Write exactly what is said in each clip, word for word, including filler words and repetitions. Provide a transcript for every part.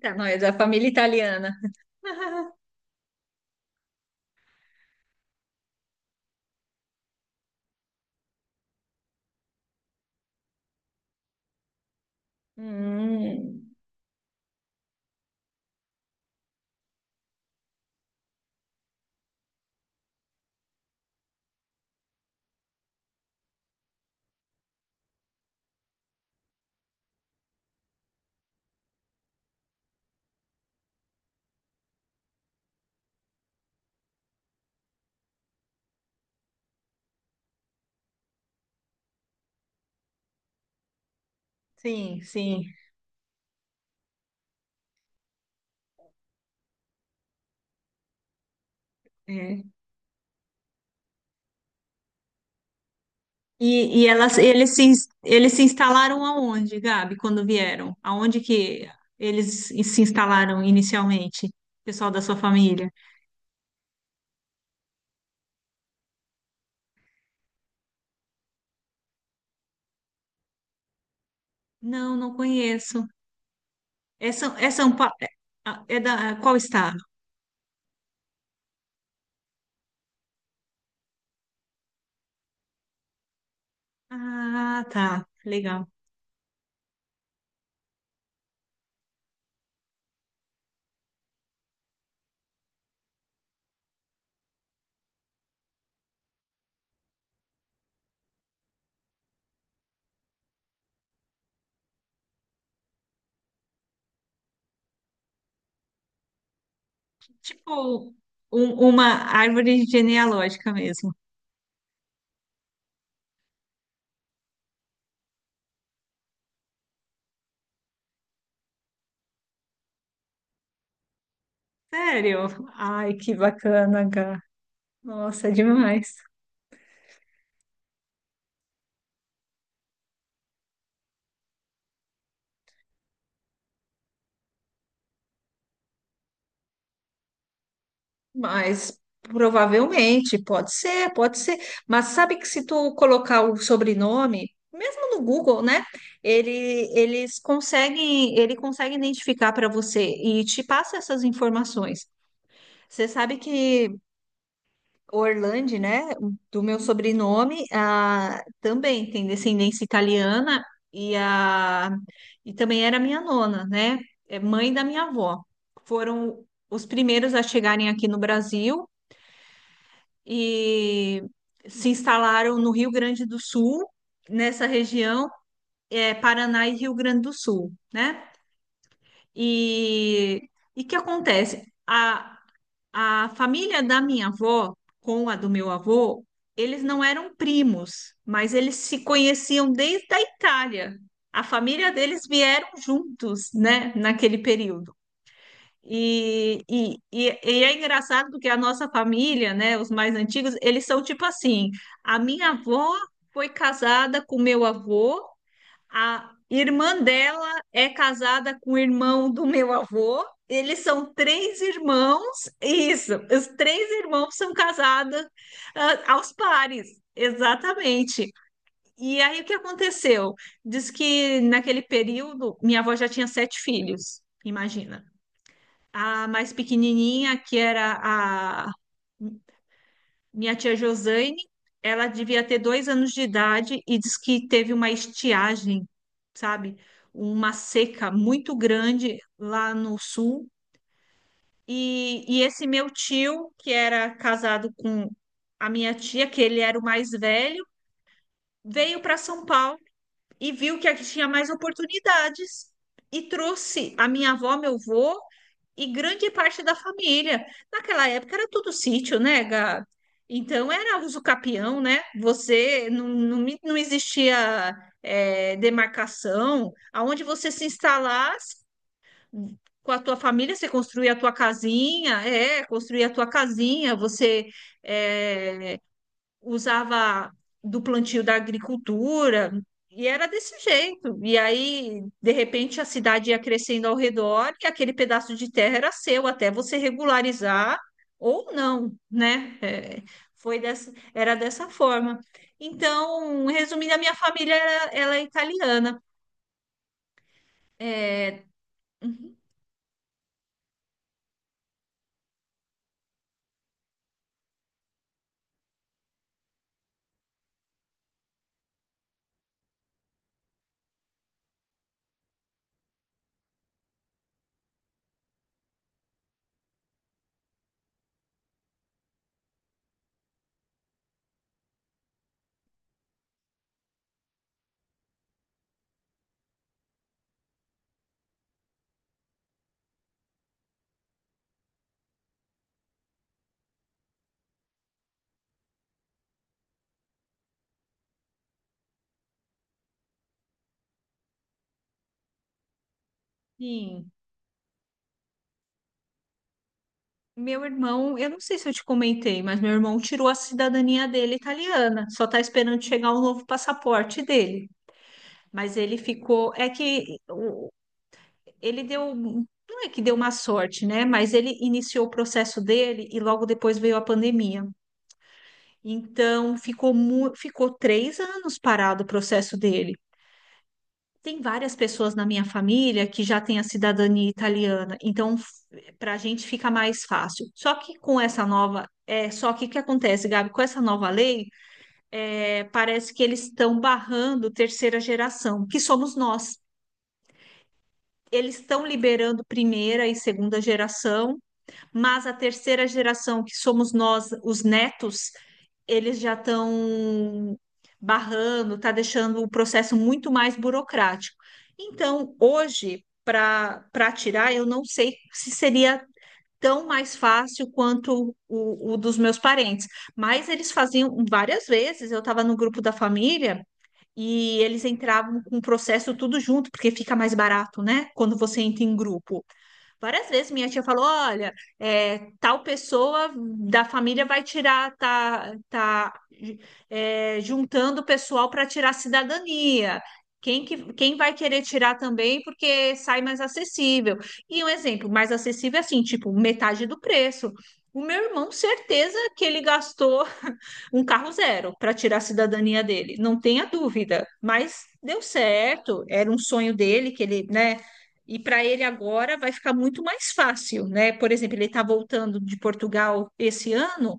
Tá, não, é da família italiana. Hum, sim, sim. É. E, e elas, eles se, ins- eles se instalaram aonde, Gabi, quando vieram? Aonde que eles se instalaram inicialmente? Pessoal da sua família? Não, não conheço. É São, é São Pa- é ah, é da qual estado? Ah, tá, legal. Tipo um- uma árvore genealógica mesmo. Sério? Ai, que bacana, Gá. Nossa, demais. Mas provavelmente, pode ser, pode ser. Mas sabe que se tu colocar o sobrenome, mesmo no Google, né? Ele, eles conseguem, ele consegue identificar para você e te passa essas informações. Você sabe que Orlando, né, do meu sobrenome, ah, também tem descendência italiana e, a, e também era minha nona, né? É mãe da minha avó. Foram os primeiros a chegarem aqui no Brasil e se instalaram no Rio Grande do Sul, nessa região, é, Paraná e Rio Grande do Sul, né? E o que acontece? A, a família da minha avó com a do meu avô, eles não eram primos, mas eles se conheciam desde a Itália. A família deles vieram juntos, né, naquele período. E, e, e, e é engraçado porque a nossa família, né, os mais antigos, eles são tipo assim: a minha avó foi casada com meu avô, a irmã dela é casada com o irmão do meu avô. Eles são três irmãos, isso, os três irmãos são casados, ah, aos pares, exatamente. E aí o que aconteceu? Diz que naquele período minha avó já tinha sete filhos, imagina. A mais pequenininha, que era a minha tia Josane, ela devia ter dois anos de idade e diz que teve uma estiagem, sabe? Uma seca muito grande lá no sul. E, e esse meu tio, que era casado com a minha tia, que ele era o mais velho, veio para São Paulo e viu que aqui tinha mais oportunidades e trouxe a minha avó, meu avô e grande parte da família. Naquela época era tudo sítio, né, Gá? Então era uso capião, né? Você não, não, me- não existia é, demarcação. Aonde você se instalasse com a tua família, você construía a tua casinha, é, construía a tua casinha, você é, usava do plantio da agricultura, e era desse jeito. E aí, de repente, a cidade ia crescendo ao redor e aquele pedaço de terra era seu, até você regularizar ou não, né? É, foi dessa, era dessa forma. Então, resumindo, a minha família era, ela é italiana. É, uhum, sim. Meu irmão, eu não sei se eu te comentei, mas meu irmão tirou a cidadania dele italiana, só está esperando chegar o novo passaporte dele. Mas ele ficou. É que o- ele deu. Não é que deu uma sorte, né? Mas ele iniciou o processo dele e logo depois veio a pandemia. Então ficou, mu- ficou três anos parado o processo dele. Tem várias pessoas na minha família que já têm a cidadania italiana, então para a gente fica mais fácil. Só que com essa nova. É, só que o que acontece, Gabi? Com essa nova lei, é, parece que eles estão barrando terceira geração, que somos nós. Eles estão liberando primeira e segunda geração, mas a terceira geração, que somos nós, os netos, eles já estão barrando, está deixando o processo muito mais burocrático. Então, hoje, para para tirar, eu não sei se seria tão mais fácil quanto o, o dos meus parentes, mas eles faziam várias vezes. Eu estava no grupo da família e eles entravam com o processo tudo junto, porque fica mais barato, né? Quando você entra em grupo. Várias vezes minha tia falou: olha, é, tal pessoa da família vai tirar, tá, tá é, juntando o pessoal para tirar a cidadania. Quem, que, quem vai querer tirar também porque sai mais acessível. E um exemplo mais acessível é assim, tipo, metade do preço. O meu irmão, certeza que ele gastou um carro zero para tirar a cidadania dele, não tenha dúvida. Mas deu certo, era um sonho dele que ele, né? E para ele agora vai ficar muito mais fácil, né? Por exemplo, ele está voltando de Portugal esse ano.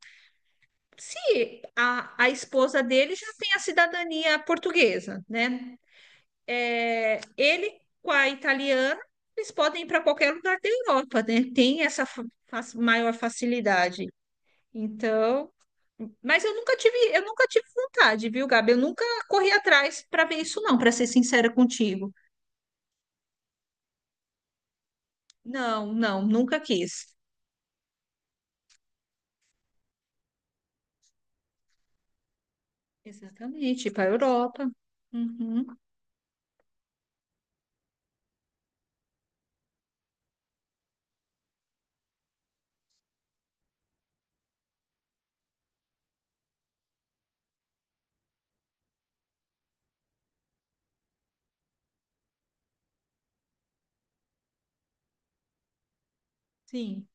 Se a, a esposa dele já tem a cidadania portuguesa, né? É, ele com a italiana, eles podem ir para qualquer lugar da Europa, né? Tem essa fa- fa- maior facilidade. Então, mas eu nunca tive, eu nunca tive vontade, viu, Gabi? Eu nunca corri atrás para ver isso, não, para ser sincera contigo. Não, não, nunca quis. Exatamente, ir para a Europa. Uhum, sim,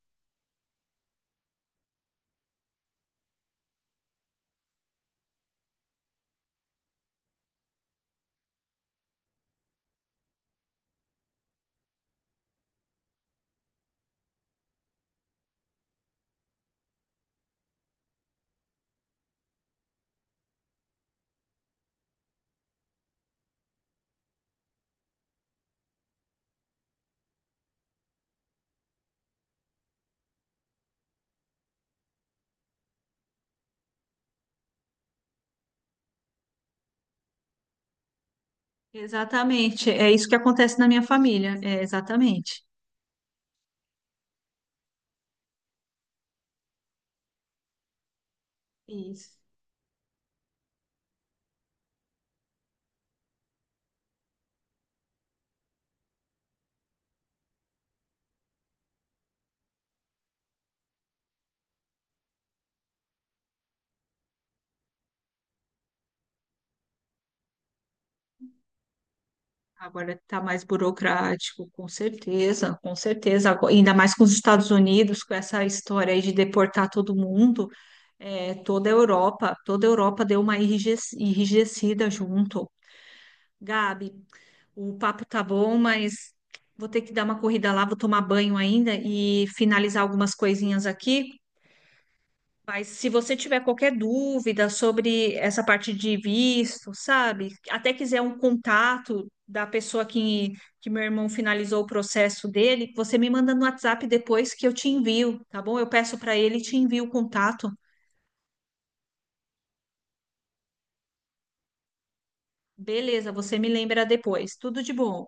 exatamente. É isso que acontece na minha família. É exatamente isso. Agora está mais burocrático, com certeza, com certeza. Agora- ainda mais com os Estados Unidos, com essa história aí de deportar todo mundo. É, toda a Europa, toda a Europa deu uma enrijec- enrijecida junto. Gabi, o papo tá bom, mas vou ter que dar uma corrida lá, vou tomar banho ainda e finalizar algumas coisinhas aqui. Mas se você tiver qualquer dúvida sobre essa parte de visto, sabe? Até quiser um contato da pessoa que, que meu irmão finalizou o processo dele, você me manda no WhatsApp depois que eu te envio, tá bom? Eu peço para ele e te envio o contato. Beleza, você me lembra depois. Tudo de bom.